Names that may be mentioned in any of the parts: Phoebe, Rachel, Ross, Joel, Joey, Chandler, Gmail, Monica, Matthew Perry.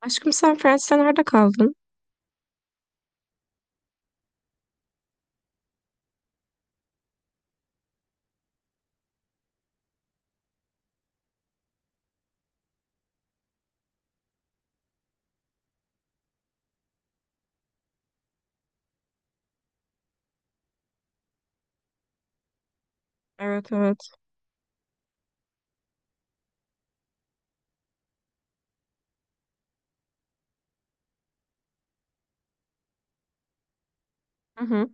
Aşkım sen Friends'te nerede kaldın? Evet, evet. Hı hı.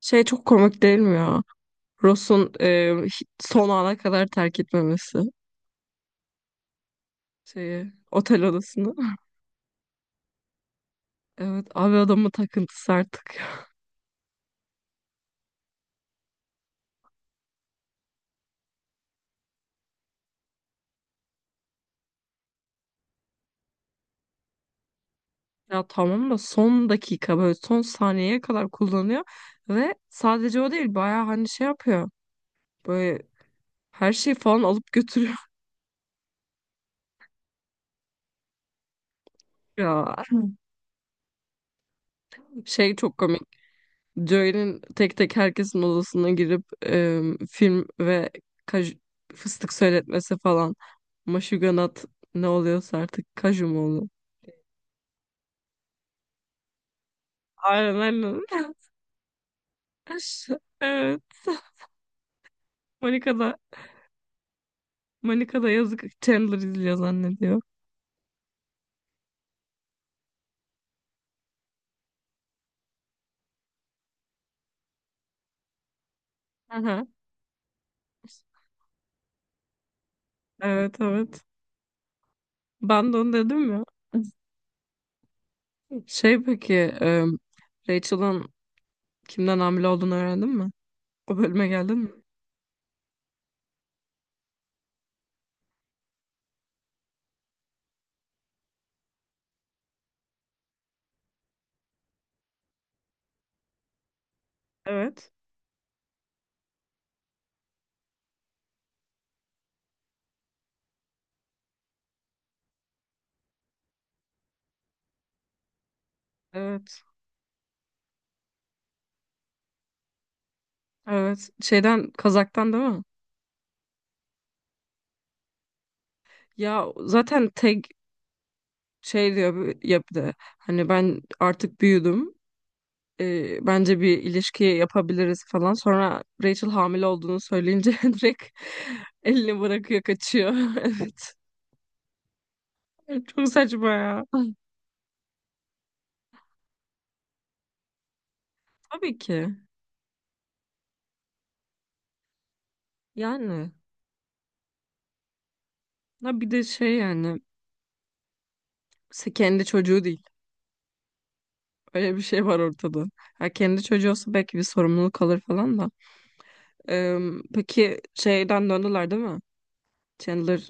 Şey, çok komik değil mi ya? Ross'un son ana kadar terk etmemesi. Şeyi, otel odasını. Evet abi, adamın takıntısı artık. Ya tamam da son dakika, böyle son saniyeye kadar kullanıyor. Ve sadece o değil, bayağı hani şey yapıyor. Böyle her şeyi falan alıp götürüyor. Ya. Şey, çok komik. Joel'in tek tek herkesin odasına girip film ve kaj- fıstık söyletmesi falan. Maşuganat ne oluyorsa artık, kaju mu oluyor? Aynen, aynen. Evet. Monica da, Monica da yazık, Chandler izliyor zannediyor. Aha. Evet, evet. Ben de onu dedim ya. Şey peki, Rachel'ın kimden hamile olduğunu öğrendin mi? O bölüme geldin mi? Evet. Evet. Evet. Şeyden, Kazak'tan değil mi? Ya zaten tek şey diyor, ya bir de hani ben artık büyüdüm. Bence bir ilişki yapabiliriz falan. Sonra Rachel hamile olduğunu söyleyince direkt elini bırakıyor, kaçıyor. Evet. Çok saçma ya. Tabii ki. Yani. Ha bir de şey yani, kendi çocuğu değil. Öyle bir şey var ortada. Ha kendi çocuğu olsa belki bir sorumluluk alır falan da. Ee, peki şeyden döndüler değil mi? Chandler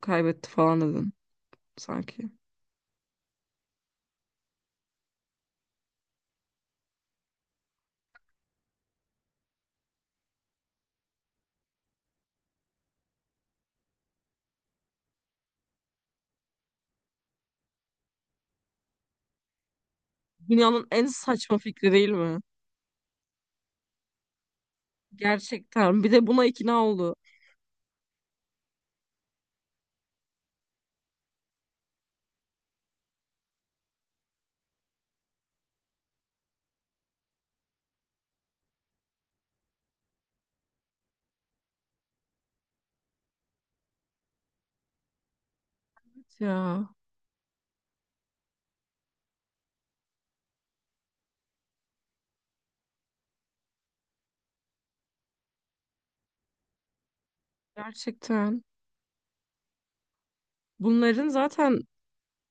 kaybetti falan dedin sanki. Dünyanın en saçma fikri değil mi? Gerçekten. Bir de buna ikna oldu. Ya gerçekten. Bunların zaten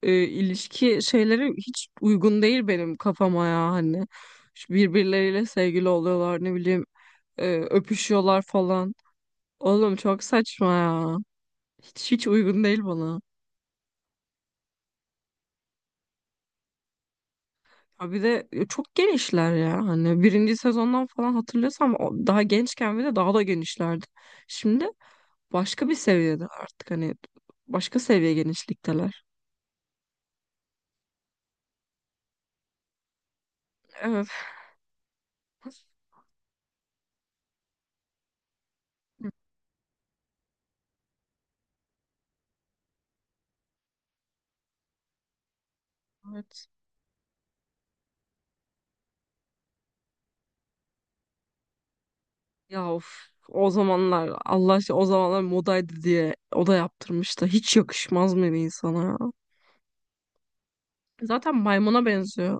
ilişki şeyleri hiç uygun değil benim kafama ya hani. Şu birbirleriyle sevgili oluyorlar, ne bileyim öpüşüyorlar falan. Oğlum çok saçma ya. Hiç uygun değil bana. Ha bir de çok genişler ya, hani birinci sezondan falan hatırlıyorsam daha gençken bir de daha da genişlerdi. Şimdi başka bir seviyede artık, hani başka seviye genişlikteler. Evet. Evet. Ya of. O zamanlar Allah aşkına, o zamanlar modaydı diye o da yaptırmış da hiç yakışmaz mı bir insana ya? Zaten maymuna benziyor.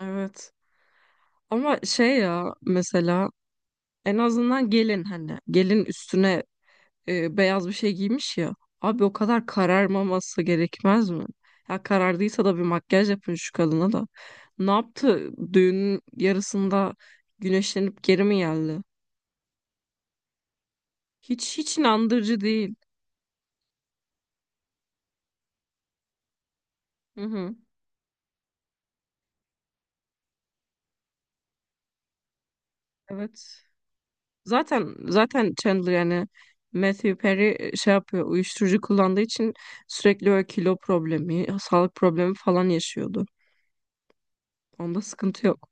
Evet. Ama şey ya, mesela en azından gelin, hani gelin üstüne beyaz bir şey giymiş ya. Abi o kadar kararmaması gerekmez mi? Ya karardıysa da bir makyaj yapın şu kadına da. Ne yaptı? Düğünün yarısında güneşlenip geri mi geldi? Hiç inandırıcı değil. Hı hı. Evet. Zaten Chandler yani Matthew Perry şey yapıyor. Uyuşturucu kullandığı için sürekli öyle kilo problemi, sağlık problemi falan yaşıyordu. Onda sıkıntı yok.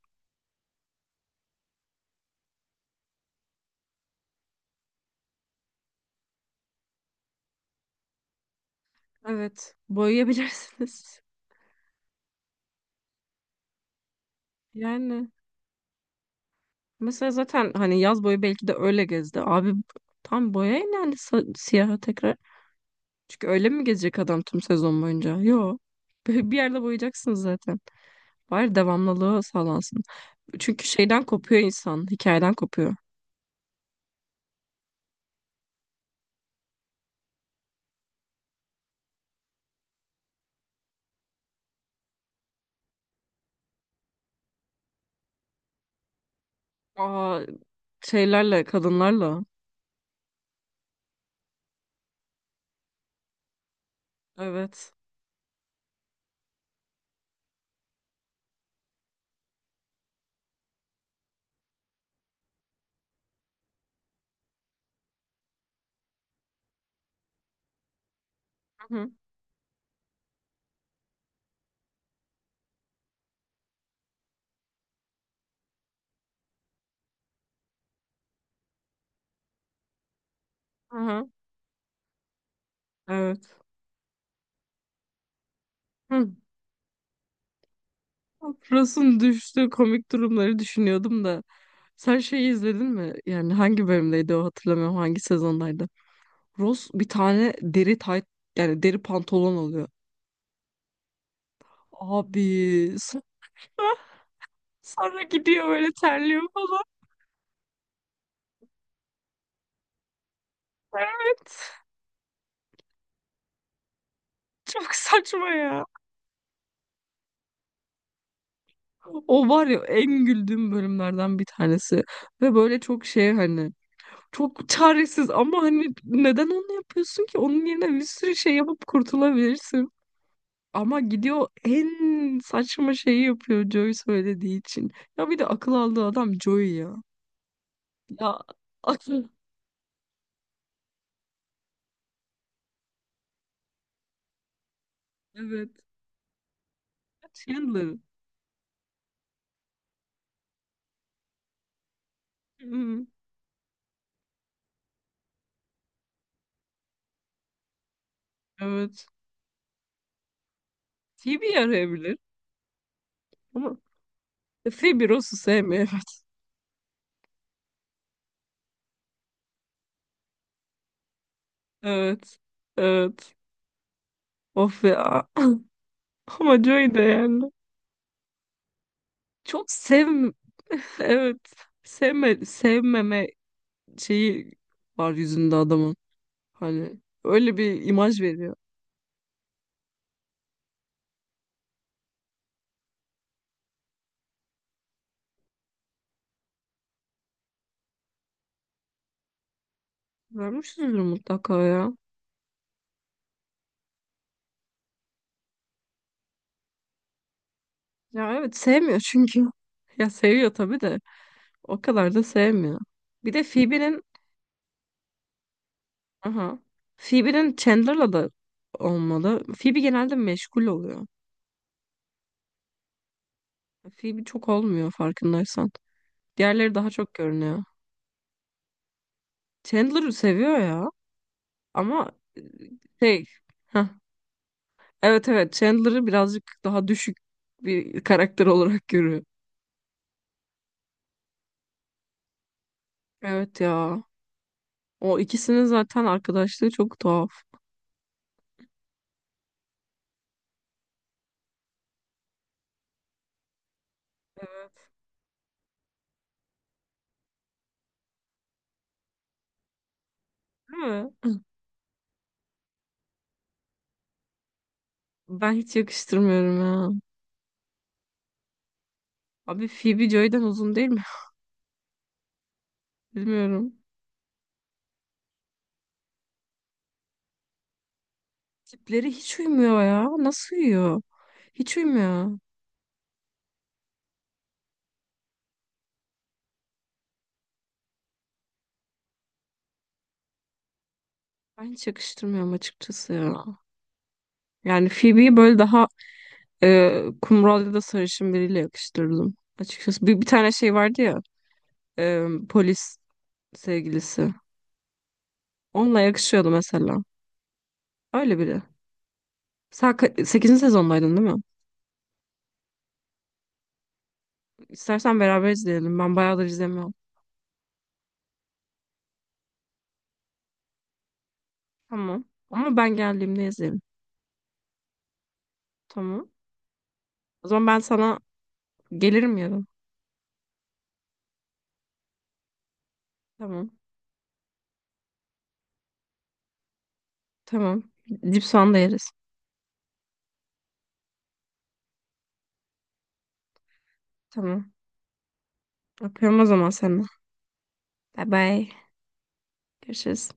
Evet. Boyayabilirsiniz. Yani mesela zaten hani yaz boyu belki de öyle gezdi. Abi tam boyayın yani, siyaha tekrar. Çünkü öyle mi gezecek adam tüm sezon boyunca? Yo. Bir yerde boyayacaksın zaten. Bari devamlılığı sağlansın. Çünkü şeyden kopuyor insan. Hikayeden kopuyor. Aa, şeylerle, kadınlarla. Evet. Hı hı. Hı hı. Evet. Hı. Frost'un düştüğü komik durumları düşünüyordum da. Sen şeyi izledin mi? Yani hangi bölümdeydi o, hatırlamıyorum. Hangi sezondaydı? Ross bir tane deri tayt, yani deri pantolon alıyor. Abi sonra, sonra gidiyor, böyle terliyor falan. Evet. Çok saçma ya. O var ya, en güldüğüm bölümlerden bir tanesi. Ve böyle çok şey hani, çok çaresiz ama hani neden onu yapıyorsun ki? Onun yerine bir sürü şey yapıp kurtulabilirsin. Ama gidiyor en saçma şeyi yapıyor Joey söylediği için. Ya bir de akıl aldığı adam Joey ya. Ya, akıl. Evet. Chandler. Hmm, evet. Phoebe arayabilir ama Phoebe Ross'u sevmiyor. Evet. Evet. Evet. Of ya. Ama Joey de yani. Çok sev... Evet. Sevme, sevmeme şeyi var yüzünde adamın. Hani öyle bir imaj veriyor. Vermişizdir mutlaka ya. Ya evet, sevmiyor çünkü. Ya seviyor tabii de. O kadar da sevmiyor. Bir de Phoebe'nin. Aha. Phoebe'nin Chandler'la da olmalı. Phoebe genelde meşgul oluyor. Phoebe çok olmuyor, farkındaysan. Diğerleri daha çok görünüyor. Chandler'ı seviyor ya, ama şey, heh. Evet, evet, Chandler'ı birazcık daha düşük bir karakter olarak görüyor. Evet ya. O ikisinin zaten arkadaşlığı çok tuhaf. Değil mi? Ben hiç yakıştırmıyorum ya. Abi Phoebe Joy'den uzun değil mi? Bilmiyorum. Tipleri hiç uymuyor ya. Nasıl uyuyor? Hiç uymuyor. Ben hiç yakıştırmıyorum açıkçası ya. Yani Phoebe'yi böyle daha kumral ya da sarışın biriyle yakıştırdım. Açıkçası bir tane şey vardı ya, polis sevgilisi. Onunla yakışıyordu mesela. Öyle biri. Sen sekizinci sezondaydın değil mi? İstersen beraber izleyelim. Ben bayağıdır izlemiyorum. Tamam. Ama ben geldiğimde izleyelim. Tamam. O zaman ben sana gelirim yarın. Tamam. Tamam. Dip soğan da yeriz. Tamam. Öpüyorum o zaman seni. Bye bye. Görüşürüz.